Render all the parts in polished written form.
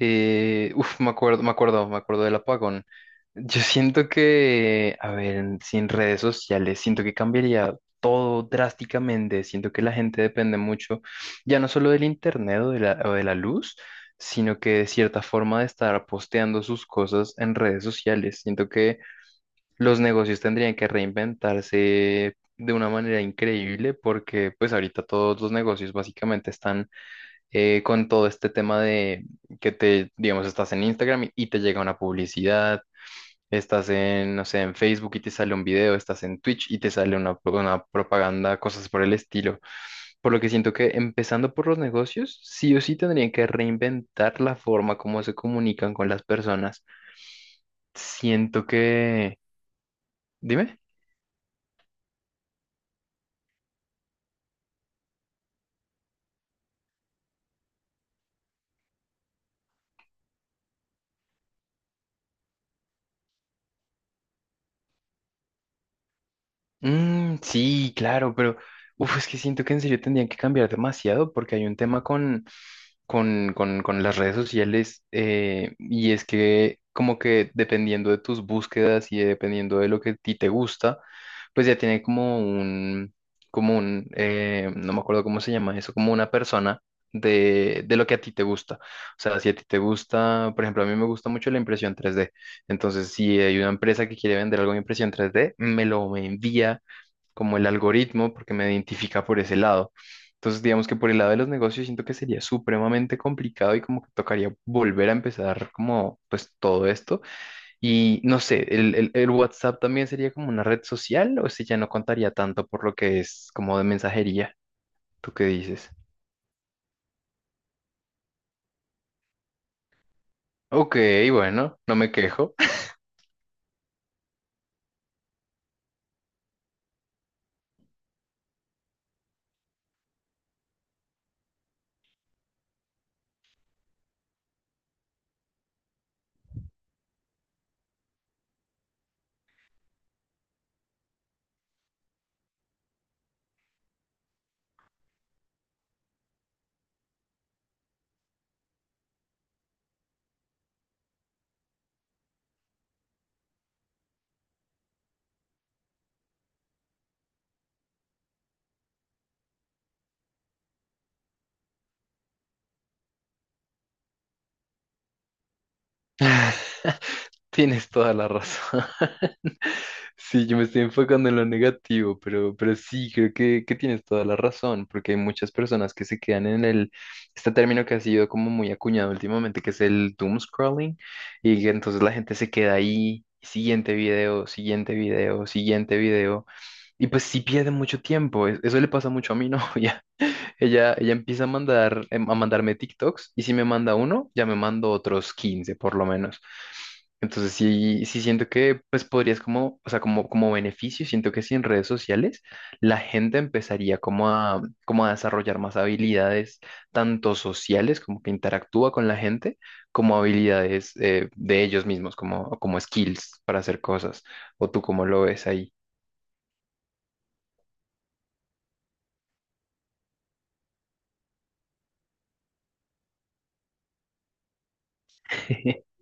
Me acuerdo del apagón. Yo siento que, a ver, sin redes sociales, siento que cambiaría todo drásticamente. Siento que la gente depende mucho, ya no solo del internet o de la luz, sino que de cierta forma de estar posteando sus cosas en redes sociales. Siento que los negocios tendrían que reinventarse de una manera increíble porque pues ahorita todos los negocios básicamente están con todo este tema de que te, digamos, estás en Instagram y te llega una publicidad, estás en, no sé, en Facebook y te sale un video, estás en Twitch y te sale una propaganda, cosas por el estilo. Por lo que siento que empezando por los negocios, sí o sí tendrían que reinventar la forma como se comunican con las personas. Siento que... Dime. Mm, sí, claro, pero uf, es que siento que en serio tendrían que cambiar demasiado porque hay un tema con las redes sociales y es que como que dependiendo de tus búsquedas y dependiendo de lo que a ti te gusta, pues ya tiene como un, no me acuerdo cómo se llama eso, como una persona de lo que a ti te gusta. O sea, si a ti te gusta, por ejemplo, a mí me gusta mucho la impresión tres d entonces, si hay una empresa que quiere vender algo de impresión 3D, me lo me envía como el algoritmo porque me identifica por ese lado. Entonces, digamos que por el lado de los negocios siento que sería supremamente complicado y como que tocaría volver a empezar como pues todo esto. Y no sé, el WhatsApp también sería como una red social o si ya no contaría tanto por lo que es como de mensajería. ¿Tú qué dices? Ok, bueno, no me quejo. Tienes toda la razón. Sí, yo me estoy enfocando en lo negativo, pero sí, creo que tienes toda la razón, porque hay muchas personas que se quedan en el, este término que ha sido como muy acuñado últimamente, que es el doom scrolling, y que entonces la gente se queda ahí, siguiente video, siguiente video, siguiente video, y pues sí pierde mucho tiempo, eso le pasa mucho a mi novia, ella empieza a mandar, a mandarme TikToks y si me manda uno, ya me mando otros 15 por lo menos. Entonces sí, sí siento que pues podrías como, o sea, como, como beneficio, siento que si en redes sociales la gente empezaría como a, como a desarrollar más habilidades, tanto sociales como que interactúa con la gente, como habilidades de ellos mismos, como, como skills para hacer cosas. ¿O tú cómo lo ves ahí?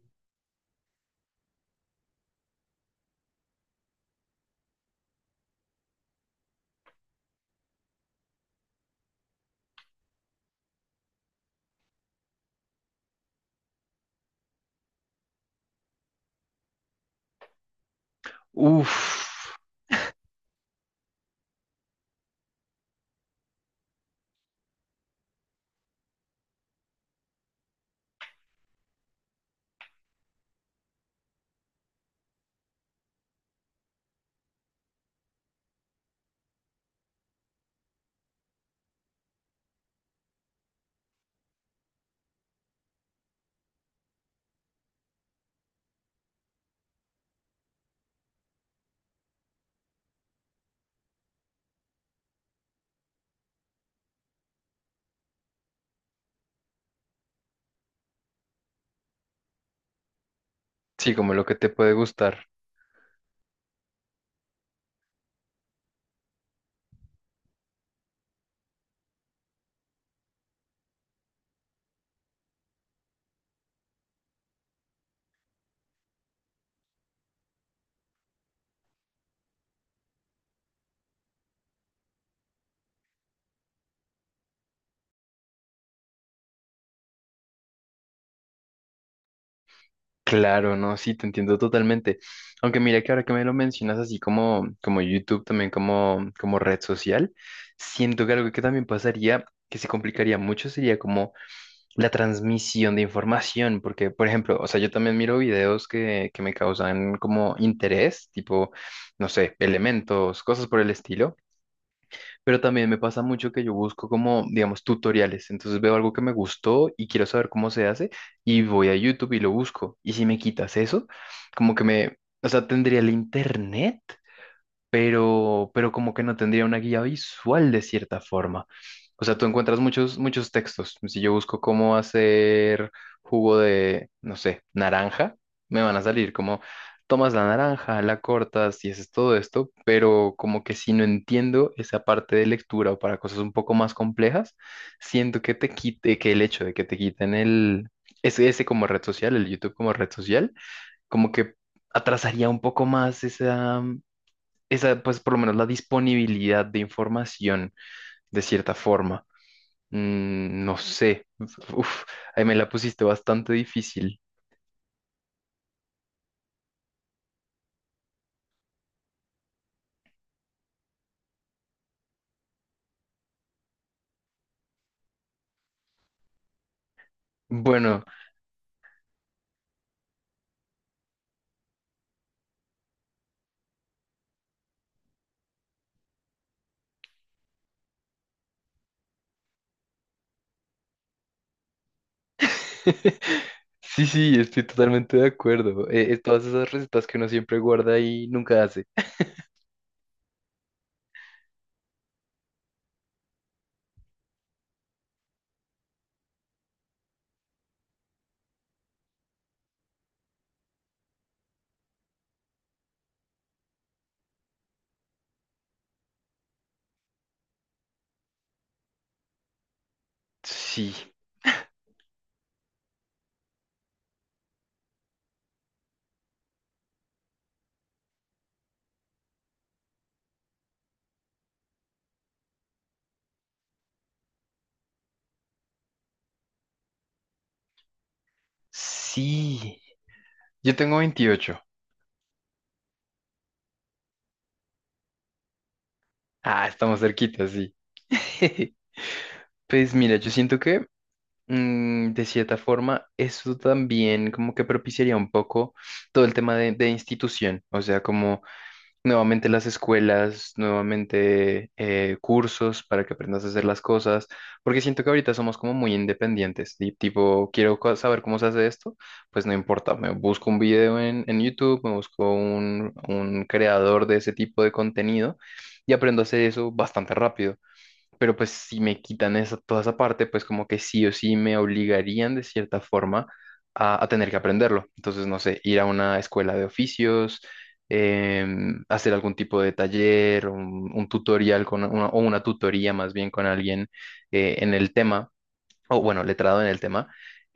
Uf, sí, como lo que te puede gustar. Claro, no, sí, te entiendo totalmente. Aunque mira que ahora que me lo mencionas así como, como YouTube, también como, como red social, siento que algo que también pasaría, que se complicaría mucho, sería como la transmisión de información, porque, por ejemplo, o sea, yo también miro videos que me causan como interés, tipo, no sé, elementos, cosas por el estilo, pero también me pasa mucho que yo busco como, digamos, tutoriales. Entonces veo algo que me gustó y quiero saber cómo se hace y voy a YouTube y lo busco. Y si me quitas eso, como que me, o sea, tendría el internet pero como que no tendría una guía visual de cierta forma. O sea, tú encuentras muchos, muchos textos. Si yo busco cómo hacer jugo de, no sé, naranja, me van a salir como tomas la naranja, la cortas y haces todo esto, pero como que si no entiendo esa parte de lectura o para cosas un poco más complejas, siento que te quite, que el hecho de que te quiten el, ese como red social, el YouTube como red social, como que atrasaría un poco más esa, esa, pues por lo menos la disponibilidad de información, de cierta forma. Mm, no sé, uf, ahí me la pusiste bastante difícil. Bueno, sí, sí, estoy totalmente de acuerdo. Todas esas recetas que uno siempre guarda y nunca hace. Sí, sí. Yo tengo 28. Ah, estamos cerquita, sí. Pues mira, yo siento que mm, de cierta forma, eso también como que propiciaría un poco todo el tema de institución, o sea, como nuevamente las escuelas, nuevamente cursos para que aprendas a hacer las cosas, porque siento que ahorita somos como muy independientes, y tipo, quiero saber cómo se hace esto, pues no importa, me busco un video en YouTube, me busco un creador de ese tipo de contenido y aprendo a hacer eso bastante rápido pero pues si me quitan esa, toda esa parte, pues como que sí o sí me obligarían de cierta forma a tener que aprenderlo. Entonces, no sé, ir a una escuela de oficios, hacer algún tipo de taller, un tutorial con una, o una tutoría más bien con alguien en el tema o bueno, letrado en el tema.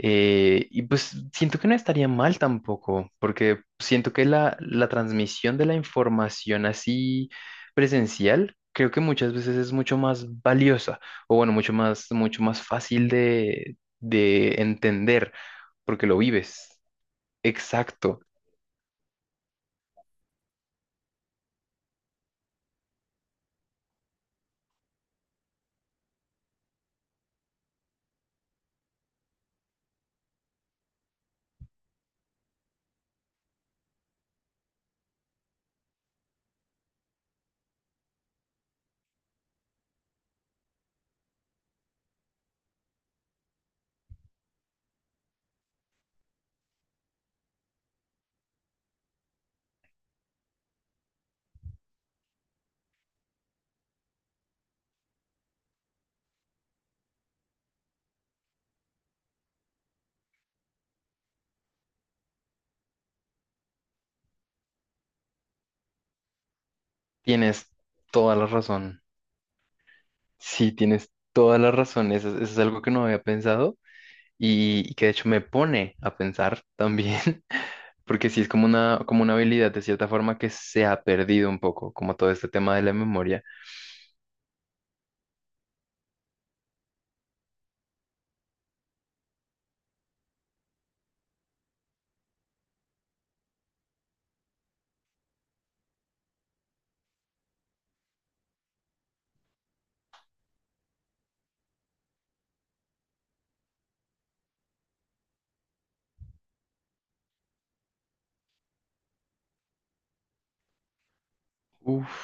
Y pues siento que no estaría mal tampoco, porque siento que la transmisión de la información así presencial, creo que muchas veces es mucho más valiosa, o bueno, mucho más fácil de entender, porque lo vives. Exacto, tienes toda la razón. Sí, tienes toda la razón. Eso es algo que no había pensado y que de hecho me pone a pensar también. Porque sí es como una habilidad de cierta forma que se ha perdido un poco, como todo este tema de la memoria. Uf,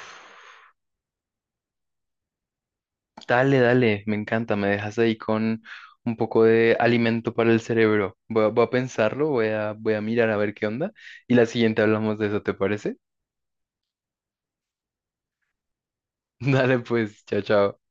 dale, dale, me encanta, me dejas ahí con un poco de alimento para el cerebro. Voy a pensarlo, voy a mirar a ver qué onda y la siguiente hablamos de eso, ¿te parece? Dale pues, chao, chao.